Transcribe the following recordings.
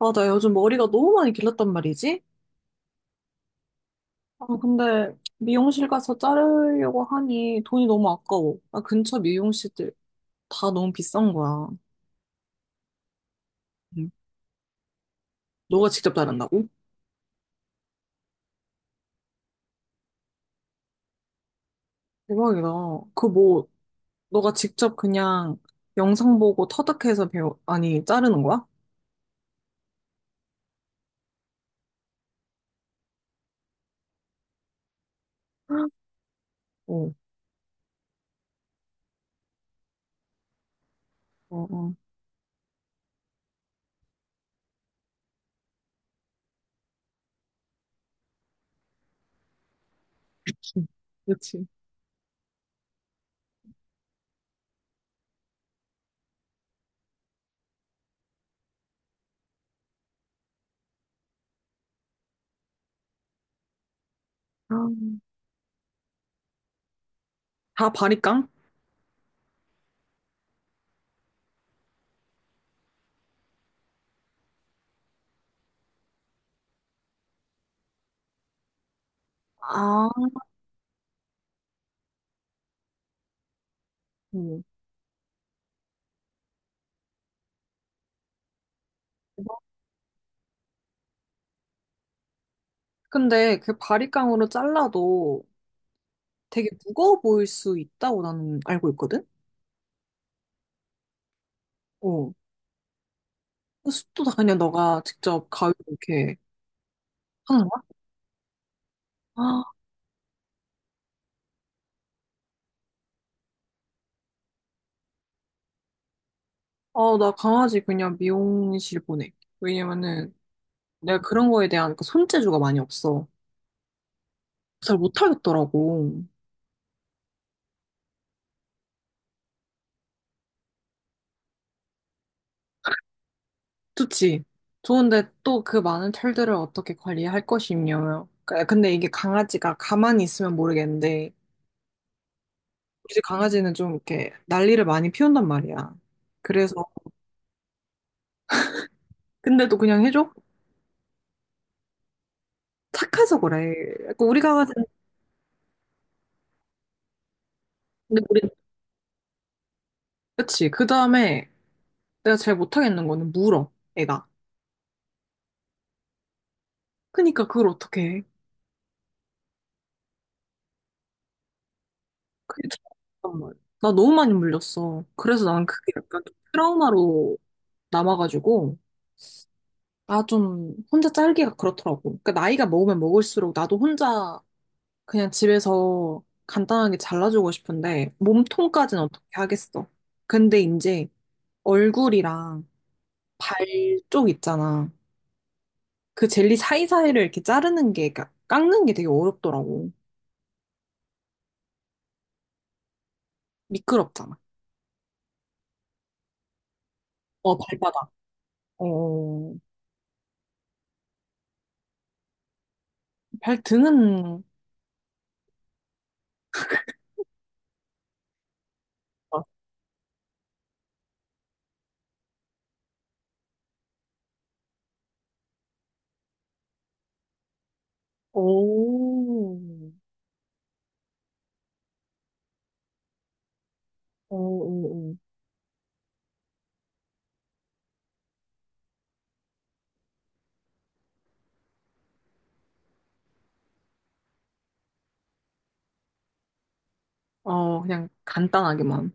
아, 나 요즘 머리가 너무 많이 길렀단 말이지? 아, 근데 미용실 가서 자르려고 하니 돈이 너무 아까워. 아, 근처 미용실들 다 너무 비싼 거야. 응. 너가 직접 자른다고? 대박이다. 그 뭐, 너가 직접 그냥 영상 보고 터득해서 배워, 아니, 자르는 거야? 어, 어, 어. 그치. 그치. 아, 다 바리깡? 아, 응. 근데 그 바리깡으로 잘라도 되게 무거워 보일 수 있다고 나는 알고 있거든? 어. 호스도 다 그냥 너가 직접 가위로 이렇게 하는 거야? 아, 어, 나 강아지 그냥 미용실 보내. 왜냐면은 내가 그런 거에 대한 그 손재주가 많이 없어. 잘 못하겠더라고. 좋지. 좋은데 또 그 많은 털들을 어떻게 관리할 것이며. 근데 이게 강아지가 가만히 있으면 모르겠는데, 우리 집 강아지는 좀 이렇게 난리를 많이 피운단 말이야. 그래서, 근데 또 그냥 해줘? 착해서 그래. 약간 우리 강아지는, 근데 우리, 그치. 그 다음에, 내가 제일 못하겠는 거는 물어, 애가. 그니까 그걸 어떻게 해? 그게 참 말이야. 나 너무 많이 물렸어. 그래서 난 그게 약간 좀 트라우마로 남아가지고, 나 좀 혼자 짤기가 그렇더라고. 그러니까 나이가 먹으면 먹을수록 나도 혼자 그냥 집에서 간단하게 잘라주고 싶은데, 몸통까지는 어떻게 하겠어. 근데 이제 얼굴이랑 발 쪽 있잖아. 그 젤리 사이사이를 이렇게 자르는 게, 그러니까 깎는 게 되게 어렵더라고. 미끄럽잖아. 어, 발바닥. 어, 발등은 막. 오, 어, 어, 어. 어 그냥 간단하게만.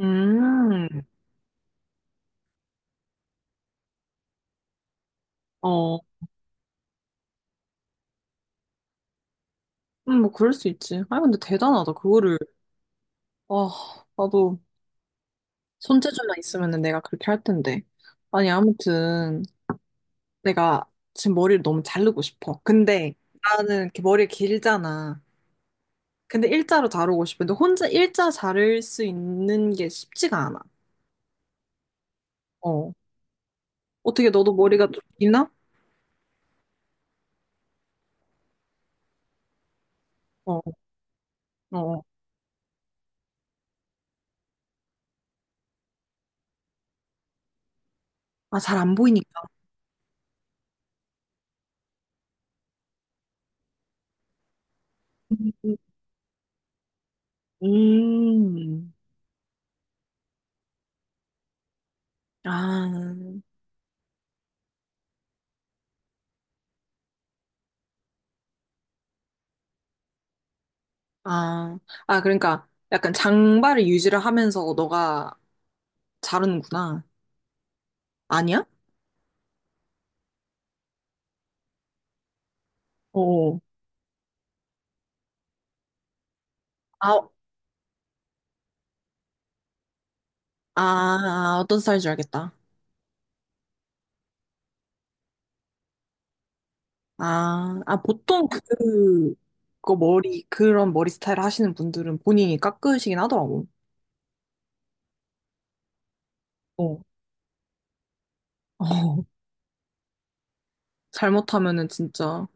음, 어, 뭐 그럴 수 있지. 아 근데 대단하다. 그거를 아 나도 손재주만 있으면 내가 그렇게 할 텐데. 아니 아무튼 내가 지금 머리를 너무 자르고 싶어. 근데 나는 이렇게 머리 길잖아. 근데 일자로 자르고 싶은데 혼자 일자 자를 수 있는 게 쉽지가 않아. 어 어떻게 너도 머리가 좀 기나? 어, 어. 어. 아, 잘 안 보이니까. 음. 아, 아, 아, 그러니까 약간 장발을 유지를 하면서 너가 자르는구나. 아니야? 어, 아, 아, 아, 어떤 스타일인지 알겠다. 아, 아, 보통 그 머리, 그런 머리 스타일 하시는 분들은 본인이 깎으시긴 하더라고. 어. 어, 잘못하면은 진짜.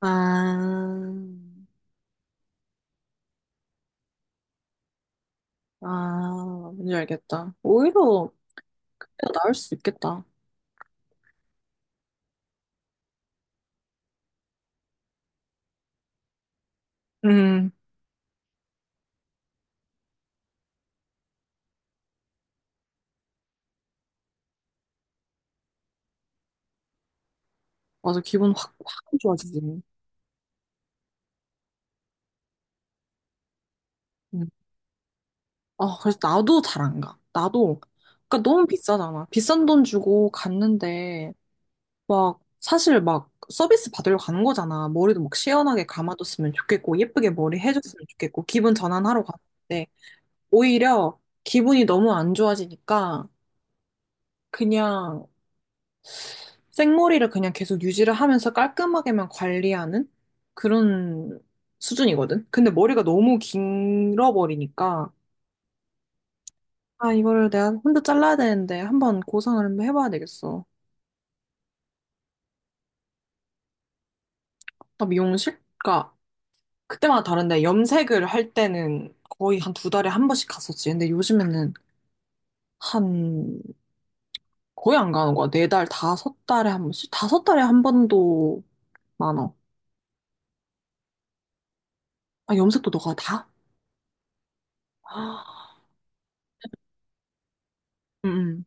아, 아, 뭔지 알겠다. 오히려 나을 수 있겠다. 음. 맞아, 기분 확, 확 좋아지지. 응. 아, 그래서 나도 잘 안 가. 나도, 그러니까 너무 비싸잖아. 비싼 돈 주고 갔는데, 막, 사실 막 서비스 받으러 가는 거잖아. 머리도 막 시원하게 감아줬으면 좋겠고, 예쁘게 머리 해줬으면 좋겠고, 기분 전환하러 갔는데, 오히려 기분이 너무 안 좋아지니까, 그냥 생머리를 그냥 계속 유지를 하면서 깔끔하게만 관리하는 그런 수준이거든. 근데 머리가 너무 길어버리니까, 아, 이거를 내가 혼자 잘라야 되는데 한번 고생을 한번 해봐야 되겠어. 나 미용실? 그러니까 그때마다 다른데 염색을 할 때는 거의 한 두 달에 한 번씩 갔었지. 근데 요즘에는 한 거의 안 가는 거야. 4달, 다섯 달에 한 번씩? 다섯 달에 한 번도 많아. 아, 염색도 너가 다? 아, 응,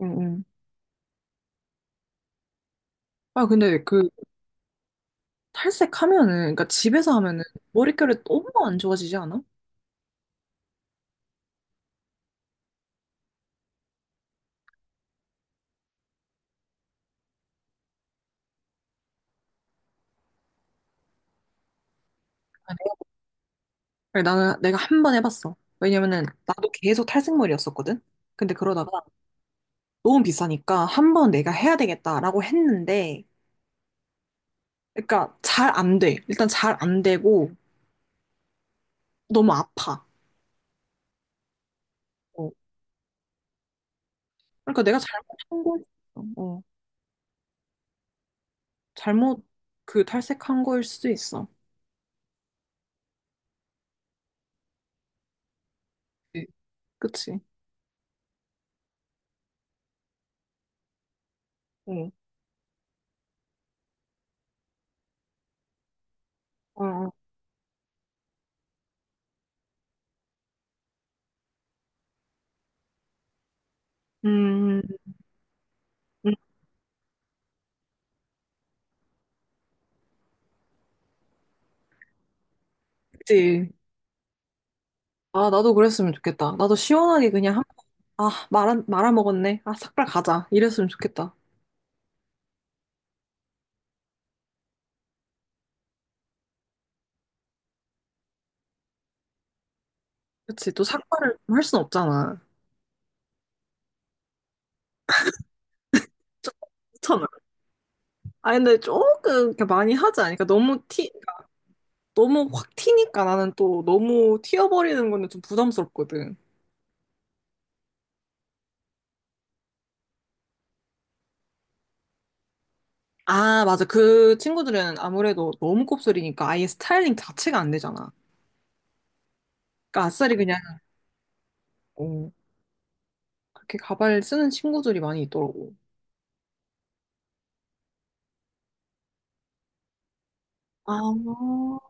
응, 응. 응. 아, 근데 그 탈색하면은, 그러니까 집에서 하면은 머릿결이 너무 안 좋아지지 않아? 그래, 나는 내가 한 번 해봤어. 왜냐면은 나도 계속 탈색머리였었거든? 근데 그러다가 너무 비싸니까 한 번 내가 해야 되겠다라고 했는데, 그러니까 잘 안 돼. 일단 잘 안 되고 너무 아파. 어. 그러니까 내가 잘못한 걸 수도 있어. 어. 잘못 그 탈색한 거일 수도 있어. 네. 그치? 응. 어. 어. 음, 음, 그치. 아, 나도 그랬으면 좋겠다. 나도 시원하게 그냥, 아, 말아먹었네. 아, 삭발 가자. 이랬으면 좋겠다. 그치. 또 삭발을 할 순 없잖아. 좀 추천을. 아 근데 조금 이렇게 많이 하지 않으니까 너무 티 그러니까 너무 확 튀니까 나는 또 너무 튀어버리는 거는 좀 부담스럽거든. 아 맞아 그 친구들은 아무래도 너무 곱슬이니까 아예 스타일링 자체가 안 되잖아. 그러니까 아싸리 그냥 어, 그렇게 가발 쓰는 친구들이 많이 있더라고. 아, 어,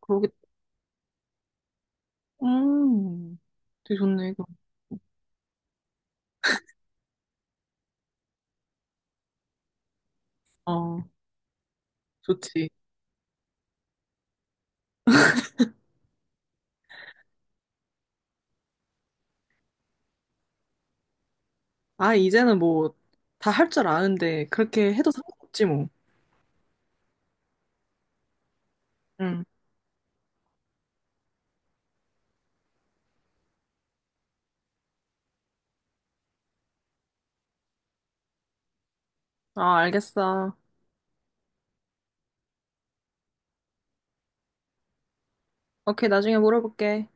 그러게. 음, 되게 좋네. 이거. 어, 좋지. 아, 이제는 뭐, 다 할 줄 아는데, 그렇게 해도 상관없지, 뭐. 응. 아, 알겠어. 오케이, 나중에 물어볼게.